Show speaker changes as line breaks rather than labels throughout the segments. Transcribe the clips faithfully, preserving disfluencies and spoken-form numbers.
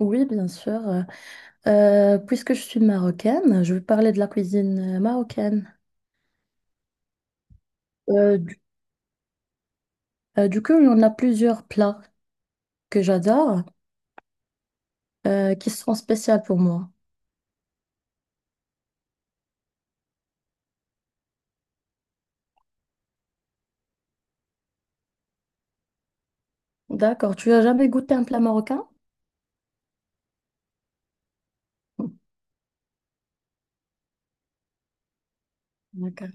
Oui, bien sûr. Euh, euh, puisque je suis marocaine, je vais parler de la cuisine euh, marocaine. Euh, du, euh, du coup, il y en a plusieurs plats que j'adore, euh, qui sont spéciaux pour moi. D'accord. Tu as jamais goûté un plat marocain? D'accord.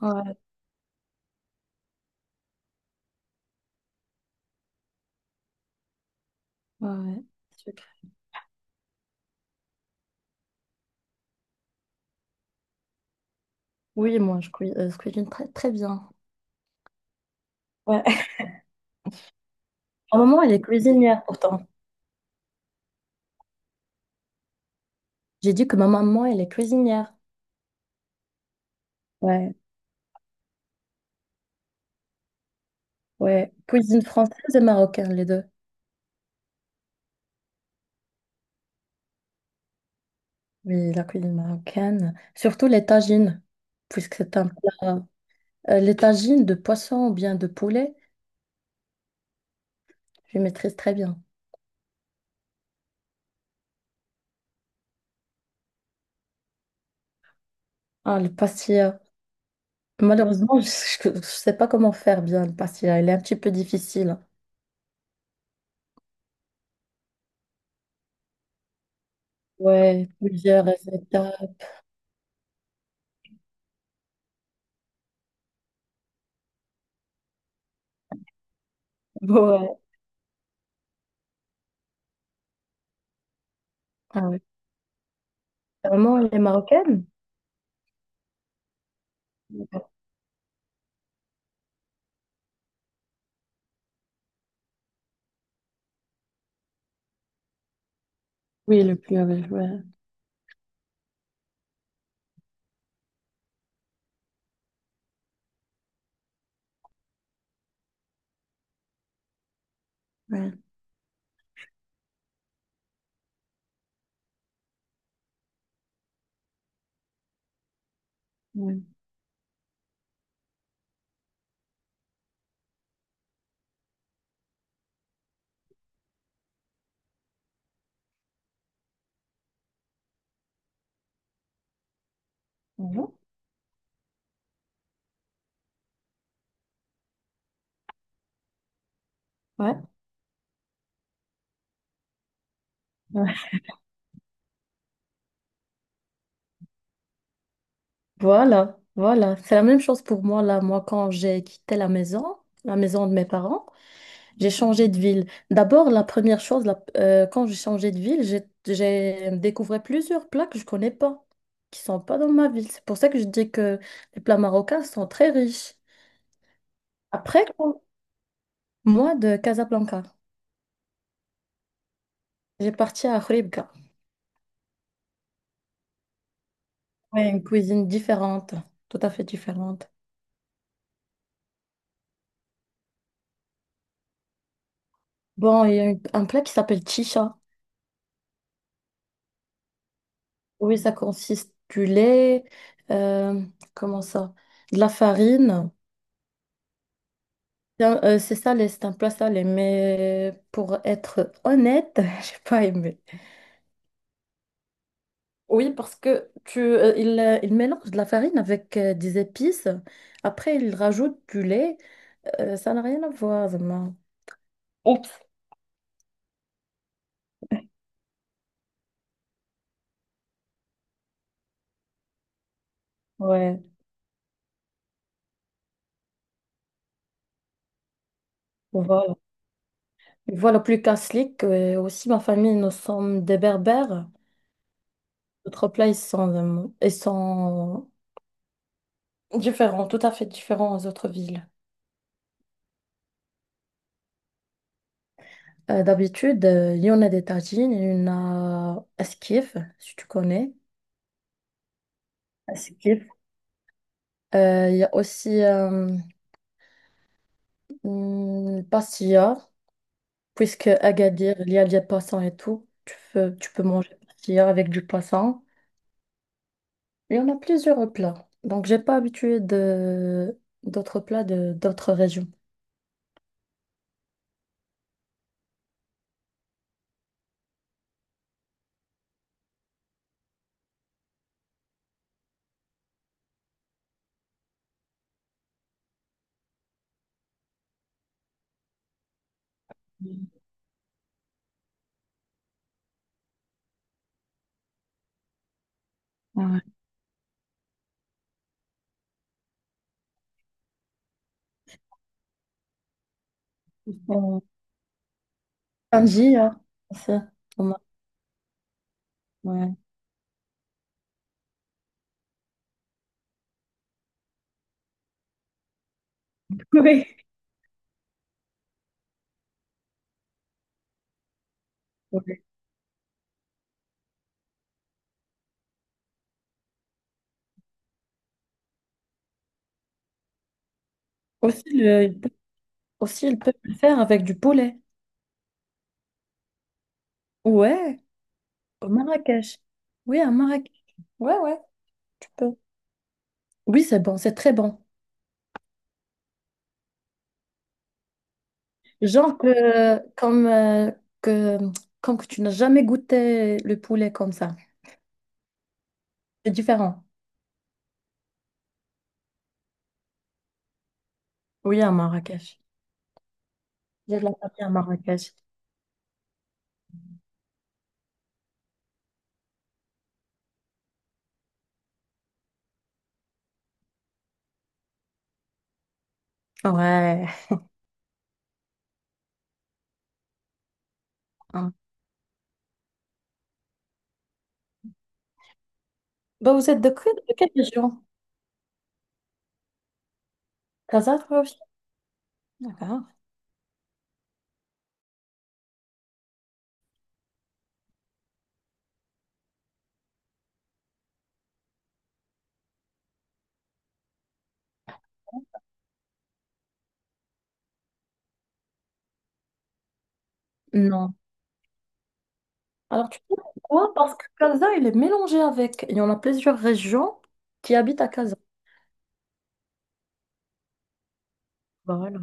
Ouais, ouais. Sucre. Oui, moi, je, cui- euh, je cuisine très, très bien. Ouais. Ma maman, elle est cuisinière pourtant. J'ai dit que ma maman, elle est cuisinière. Ouais, ouais. Cuisine française et marocaine, les deux. Oui, la cuisine marocaine, surtout les tagines, puisque c'est un plat. Euh, les tagines de poisson ou bien de poulet, je maîtrise très bien. Ah, le pastilla. Malheureusement, je ne sais pas comment faire bien le pastilla. Il est un petit peu difficile. Ouais, plusieurs étapes. Ouais. Ah ouais. Vraiment, les marocaines? Oui, le plus avec, ouais. Ouais. Ouais. Bonjour. Ouais. Ouais. Voilà, voilà. C'est la même chose pour moi là. Moi, quand j'ai quitté la maison, la maison de mes parents, j'ai changé de ville. D'abord, la première chose, la- euh, quand j'ai changé de ville, j'ai j'ai découvert plusieurs plats que je connais pas, qui sont pas dans ma ville. C'est pour ça que je dis que les plats marocains sont très riches. Après, quand- moi, de Casablanca, j'ai parti à Khouribga. Ouais, une cuisine différente, tout à fait différente. Bon, il y a une- un plat qui s'appelle chicha. Oui, ça consiste du lait, euh, comment ça? De la farine. Donc, euh, c'est ça les en place ça mais pour être honnête, j'ai pas aimé. Oui, parce que tu, euh, il, euh, il mélange de la farine avec euh, des épices. Après, il rajoute du lait. Euh, ça n'a rien à voir, vraiment. Oups. Ouais, voilà. Voilà, plus qu'un slick. Euh, aussi, ma famille, nous sommes des berbères. Notre plats, ils sont, euh, ils sont différents, tout à fait différents aux autres villes. Euh, d'habitude, euh, il y en a des tagines, il y en a esquif, si tu connais. Ah, c'est kiff. Euh, Il y a aussi euh, hmm, pastilla, puisque Agadir, il y a des poissons et tout. Tu peux, tu peux manger pastilla avec du poisson. Il y en a plusieurs plats. Donc, j'ai pas habitué de d'autres plats de d'autres régions. Ouais. Euh, Tangier, aussi. Au Maroc. Ouais. Oui. Ouais. Aussi, le, aussi, il peut le faire avec du poulet. Ouais, au Marrakech. Oui, à Marrakech. Ouais, ouais, tu peux. Oui, c'est bon, c'est très bon. Genre que, comme, euh, que, comme que tu n'as jamais goûté le poulet comme ça. C'est différent. Oui, à Marrakech. J'ai de la famille à Marrakech. Ouais. Hein. Bah, vous êtes de, que- de quelle région? Casa, toi aussi? D'accord. Non. Alors, tu sais pourquoi? Parce que Casa, il est mélangé avec. Il y en a plusieurs régions qui habitent à Casa. Voilà.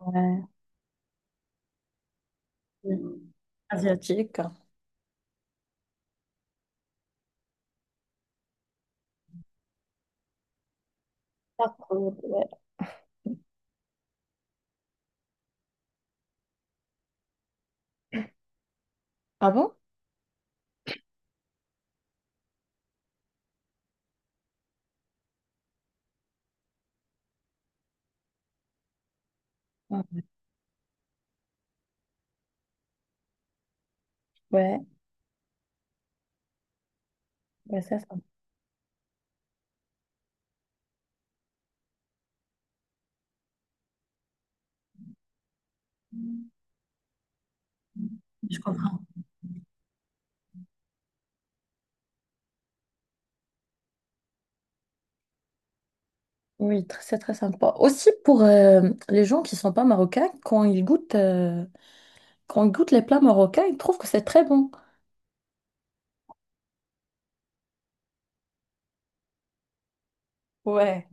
Ouais. Mm. Asiatique. Pas trop, ouais. Ah bon? Ouais, ouais, ouais, c'est ça. Je comprends. Oui, tr- c'est très sympa. Aussi pour euh, les gens qui sont pas marocains, quand ils goûtent, euh, quand ils goûtent les plats marocains, ils trouvent que c'est très bon. Ouais,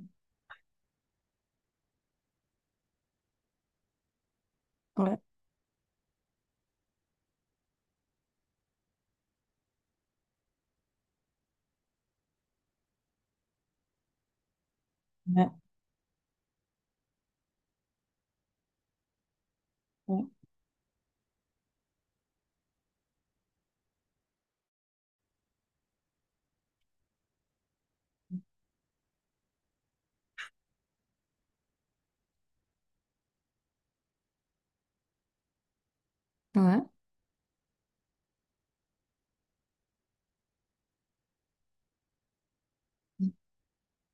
Ouais. ouais, ouais. Ouais.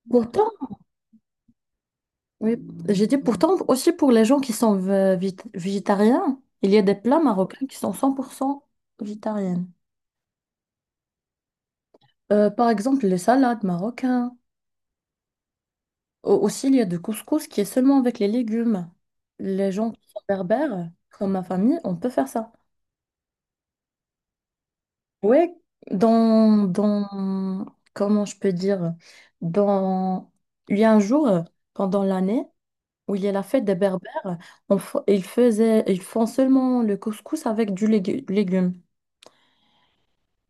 Pourtant, oui, j'ai dit pourtant aussi pour les gens qui sont ve- vit- végétariens, il y a des plats marocains qui sont cent pour cent végétariennes. Euh, par exemple, les salades marocaines. Au- Aussi, il y a du couscous qui est seulement avec les légumes. Les gens qui sont berbères, comme ma famille, on peut faire ça. Ouais, dans, dans, comment je peux dire, dans, il y a un jour euh, pendant l'année où il y a la fête des Berbères, on fa- ils faisaient, ils font seulement le couscous avec du légu- légume.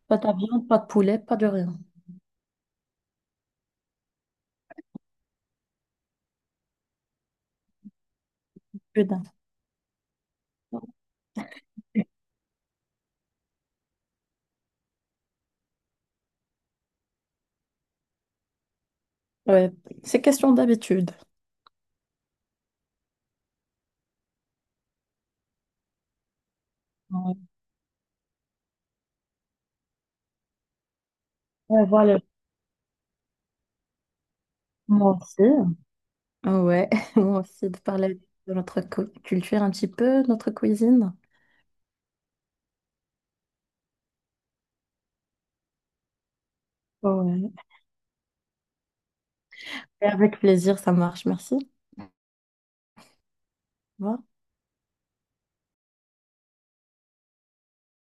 Pas de viande, pas de poulet, pas de rien. Que dalle. Ouais, c'est question d'habitude. Ouais, Ouais, voilà, moi aussi. Ah ouais, moi aussi, de parler de notre cu- culture un petit peu, notre cuisine. Ouais. Et avec plaisir, ça marche, merci. Au revoir.